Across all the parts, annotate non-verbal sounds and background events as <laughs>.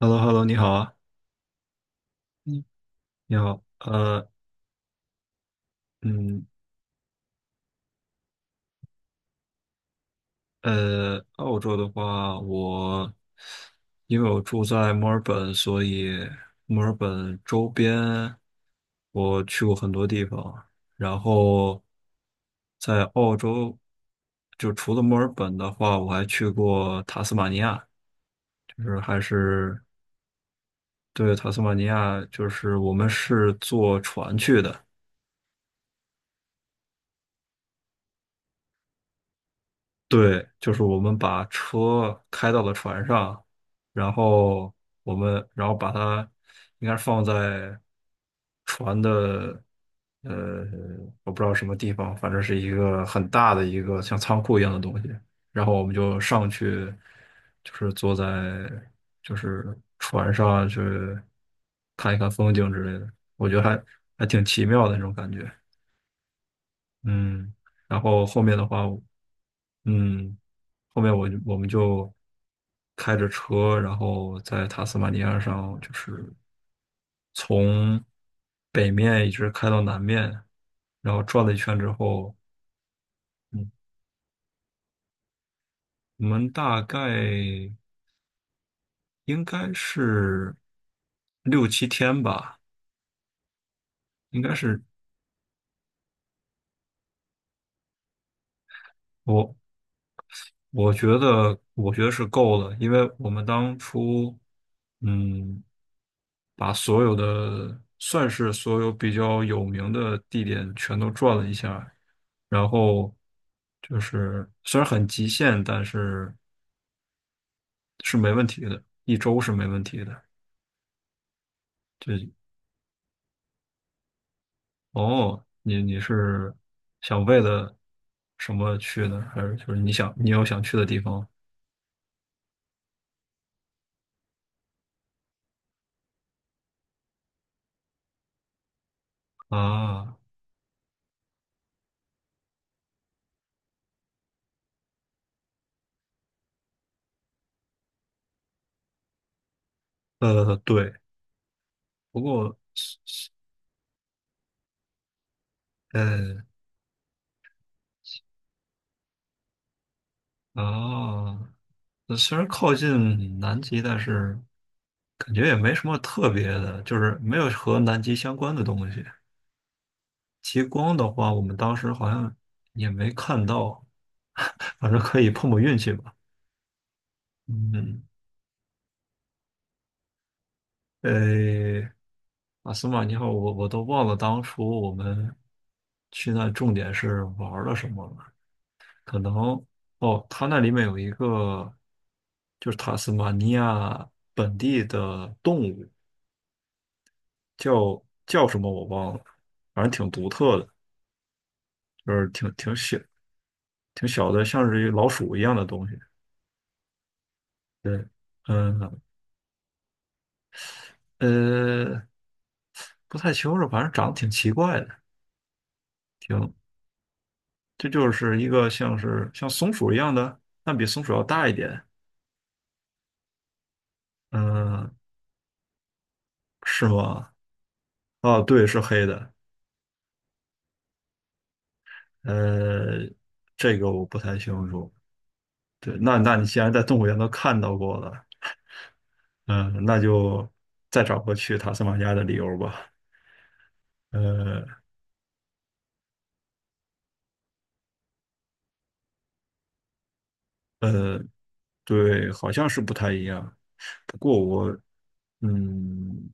h e l l o h e l l o 你好啊。嗯，你好。嗯，澳洲的话，因为我住在墨尔本，所以墨尔本周边我去过很多地方。然后在澳洲，就除了墨尔本的话，我还去过塔斯马尼亚。就是还是对，塔斯马尼亚，就是我们是坐船去的。对，就是我们把车开到了船上，然后我们把它应该是放在船的，呃，我不知道什么地方，反正是一个很大的一个像仓库一样的东西。然后我们就上去，就是坐在就是船上去看一看风景之类的。我觉得还挺奇妙的那种感觉。嗯，然后后面的话。嗯，后面我们就开着车，然后在塔斯马尼亚上，就是从北面一直开到南面，然后转了一圈之后。嗯，我们大概应该是六七天吧。应该是我我觉得，我觉得是够了，因为我们当初，嗯，把所有的，算是所有比较有名的地点全都转了一下，然后就是虽然很极限，但是是没问题的，一周是没问题的。就哦，你是想为了什么去呢？还是就是你想你有想去的地方啊？对。不过。呃，哦，那虽然靠近南极，但是感觉也没什么特别的，就是没有和南极相关的东西。极光的话，我们当时好像也没看到，反正可以碰碰运气吧。嗯，呃，阿斯玛尼号，我都忘了当初我们去那重点是玩了什么了。可能哦，它那里面有一个就是塔斯马尼亚本地的动物。叫什么我忘了，反正挺独特的，就是挺小的，像是一个老鼠一样的东西。对，嗯。呃，不太清楚，反正长得挺奇怪的。嗯，这就是一个像是像松鼠一样的，但比松鼠要大一点。嗯，是吗？啊，对，是黑的。呃，这个我不太清楚。对，那你既然在动物园都看到过了，嗯，那就再找个去塔斯马尼亚的理由吧。呃，对，好像是不太一样。不过我，嗯，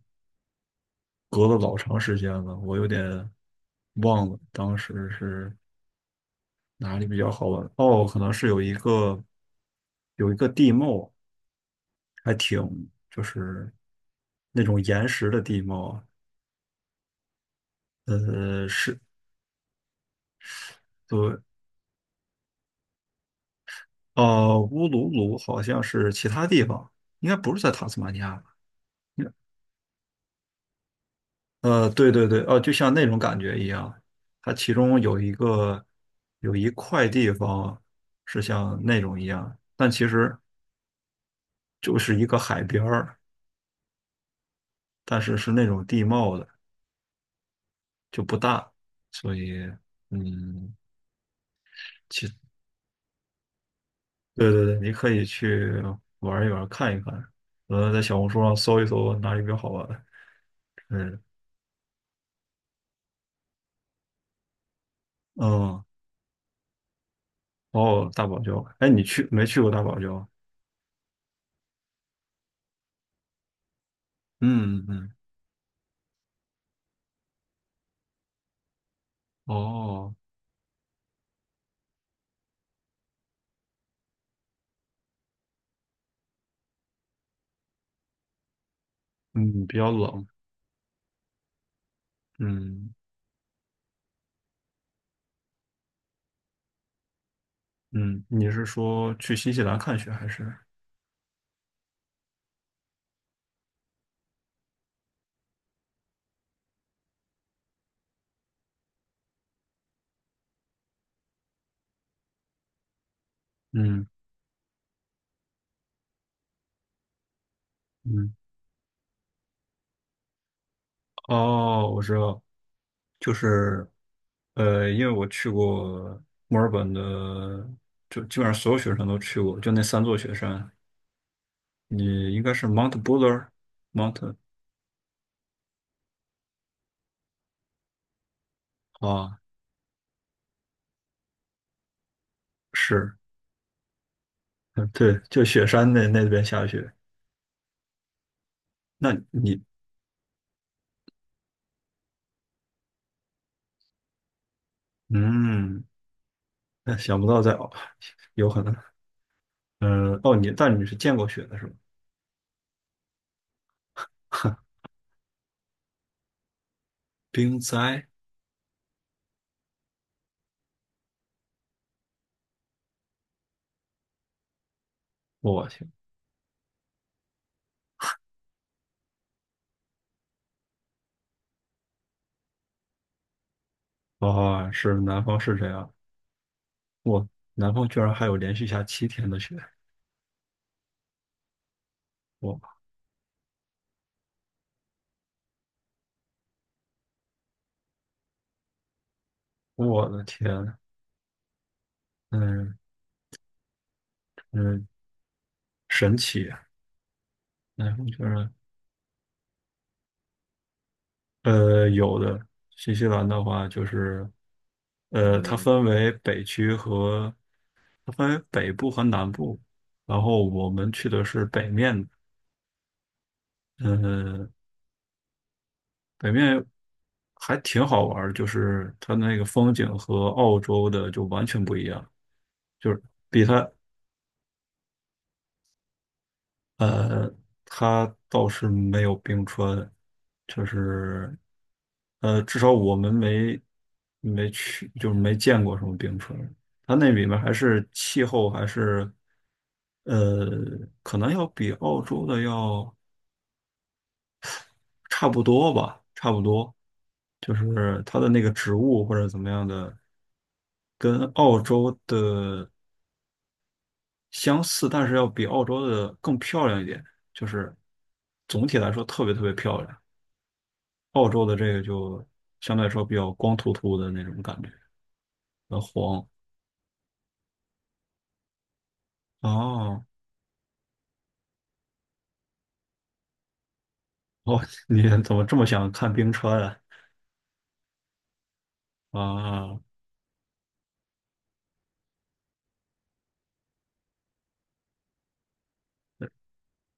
隔了老长时间了，我有点忘了当时是哪里比较好玩。哦，可能是有一个地貌，就是那种岩石的地貌。是。对，乌鲁鲁好像是其他地方，应该不是在塔斯马尼亚吧？对对对，就像那种感觉一样，它其中有一个，有一块地方是像那种一样，但其实就是一个海边儿，但是是那种地貌的，就不大，所以嗯，其对对对，你可以去玩一玩，看一看，在小红书上搜一搜哪里比较好玩。嗯嗯。哦，大堡礁，哎，你去没去过大堡礁？嗯嗯。嗯。哦。嗯，比较冷。嗯。嗯，你是说去新西兰看雪还是？嗯嗯。哦，我知道，就是，因为我去过墨尔本的，就基本上所有雪山都去过，就那3座雪山。你应该是 Mount Buller，Mount a i n 啊。是，嗯，对，就雪山那边下雪。那你，嗯，那想不到在哦，有可能。嗯，哦，但你是见过雪的是吧？<laughs> 冰灾。我去。哦，是南方是这样。我南方居然还有连续下七天的雪。我我的天。嗯嗯。神奇。南方居然。有的。新西兰的话就是，它分为北区和，它分为北部和南部，然后我们去的是北面。呃北面还挺好玩儿，就是它那个风景和澳洲的就完全不一样。就是比它呃，他倒是没有冰川。就是至少我们没去，就是没见过什么冰川。它那里面还是气候还是，呃，可能要比澳洲的要差不多吧，差不多。就是它的那个植物或者怎么样的，跟澳洲的相似，但是要比澳洲的更漂亮一点。就是总体来说特别特别漂亮。澳洲的这个就相对来说比较光秃秃的那种感觉，比较黄。哦。哦。<laughs> 你怎么这么想看冰川啊？啊。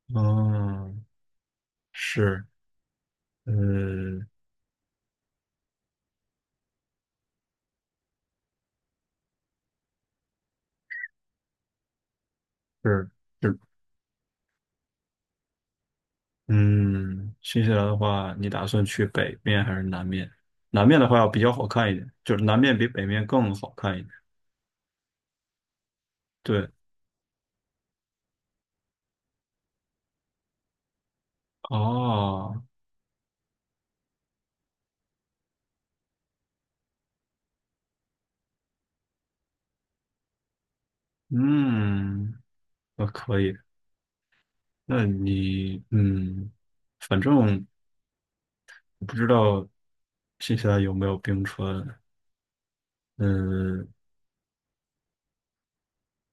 嗯，是。嗯，是是。嗯，新西兰的话，你打算去北面还是南面？南面的话要比较好看一点，就是南面比北面更好看一点。对。哦。嗯，那可以。那你，嗯，反正。不知道新西兰有没有冰川？嗯。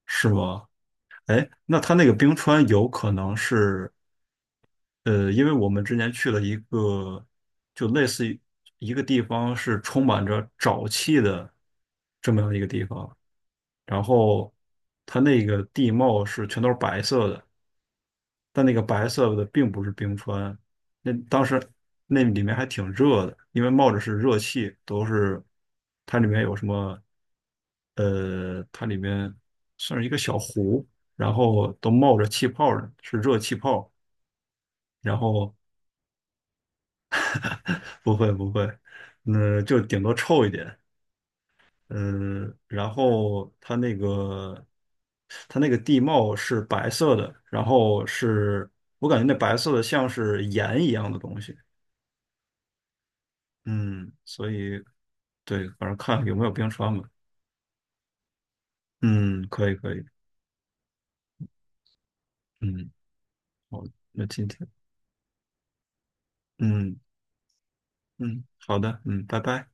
是吗？哎，那它那个冰川有可能是，因为我们之前去了一个，就类似于一个地方是充满着沼气的这么样一个地方，然后它那个地貌是全都是白色的，但那个白色的并不是冰川，那当时那里面还挺热的，因为冒着是热气，都是它里面有什么。它里面算是一个小湖，然后都冒着气泡呢，是热气泡，然后 <laughs> 不会不会，那就顶多臭一点。嗯，然后它那个地貌是白色的，然后是我感觉那白色的像是盐一样的东西。嗯，所以对，反正看有没有冰川吧。嗯，可以可以。嗯，好。那今天，嗯嗯，好的，嗯，拜拜。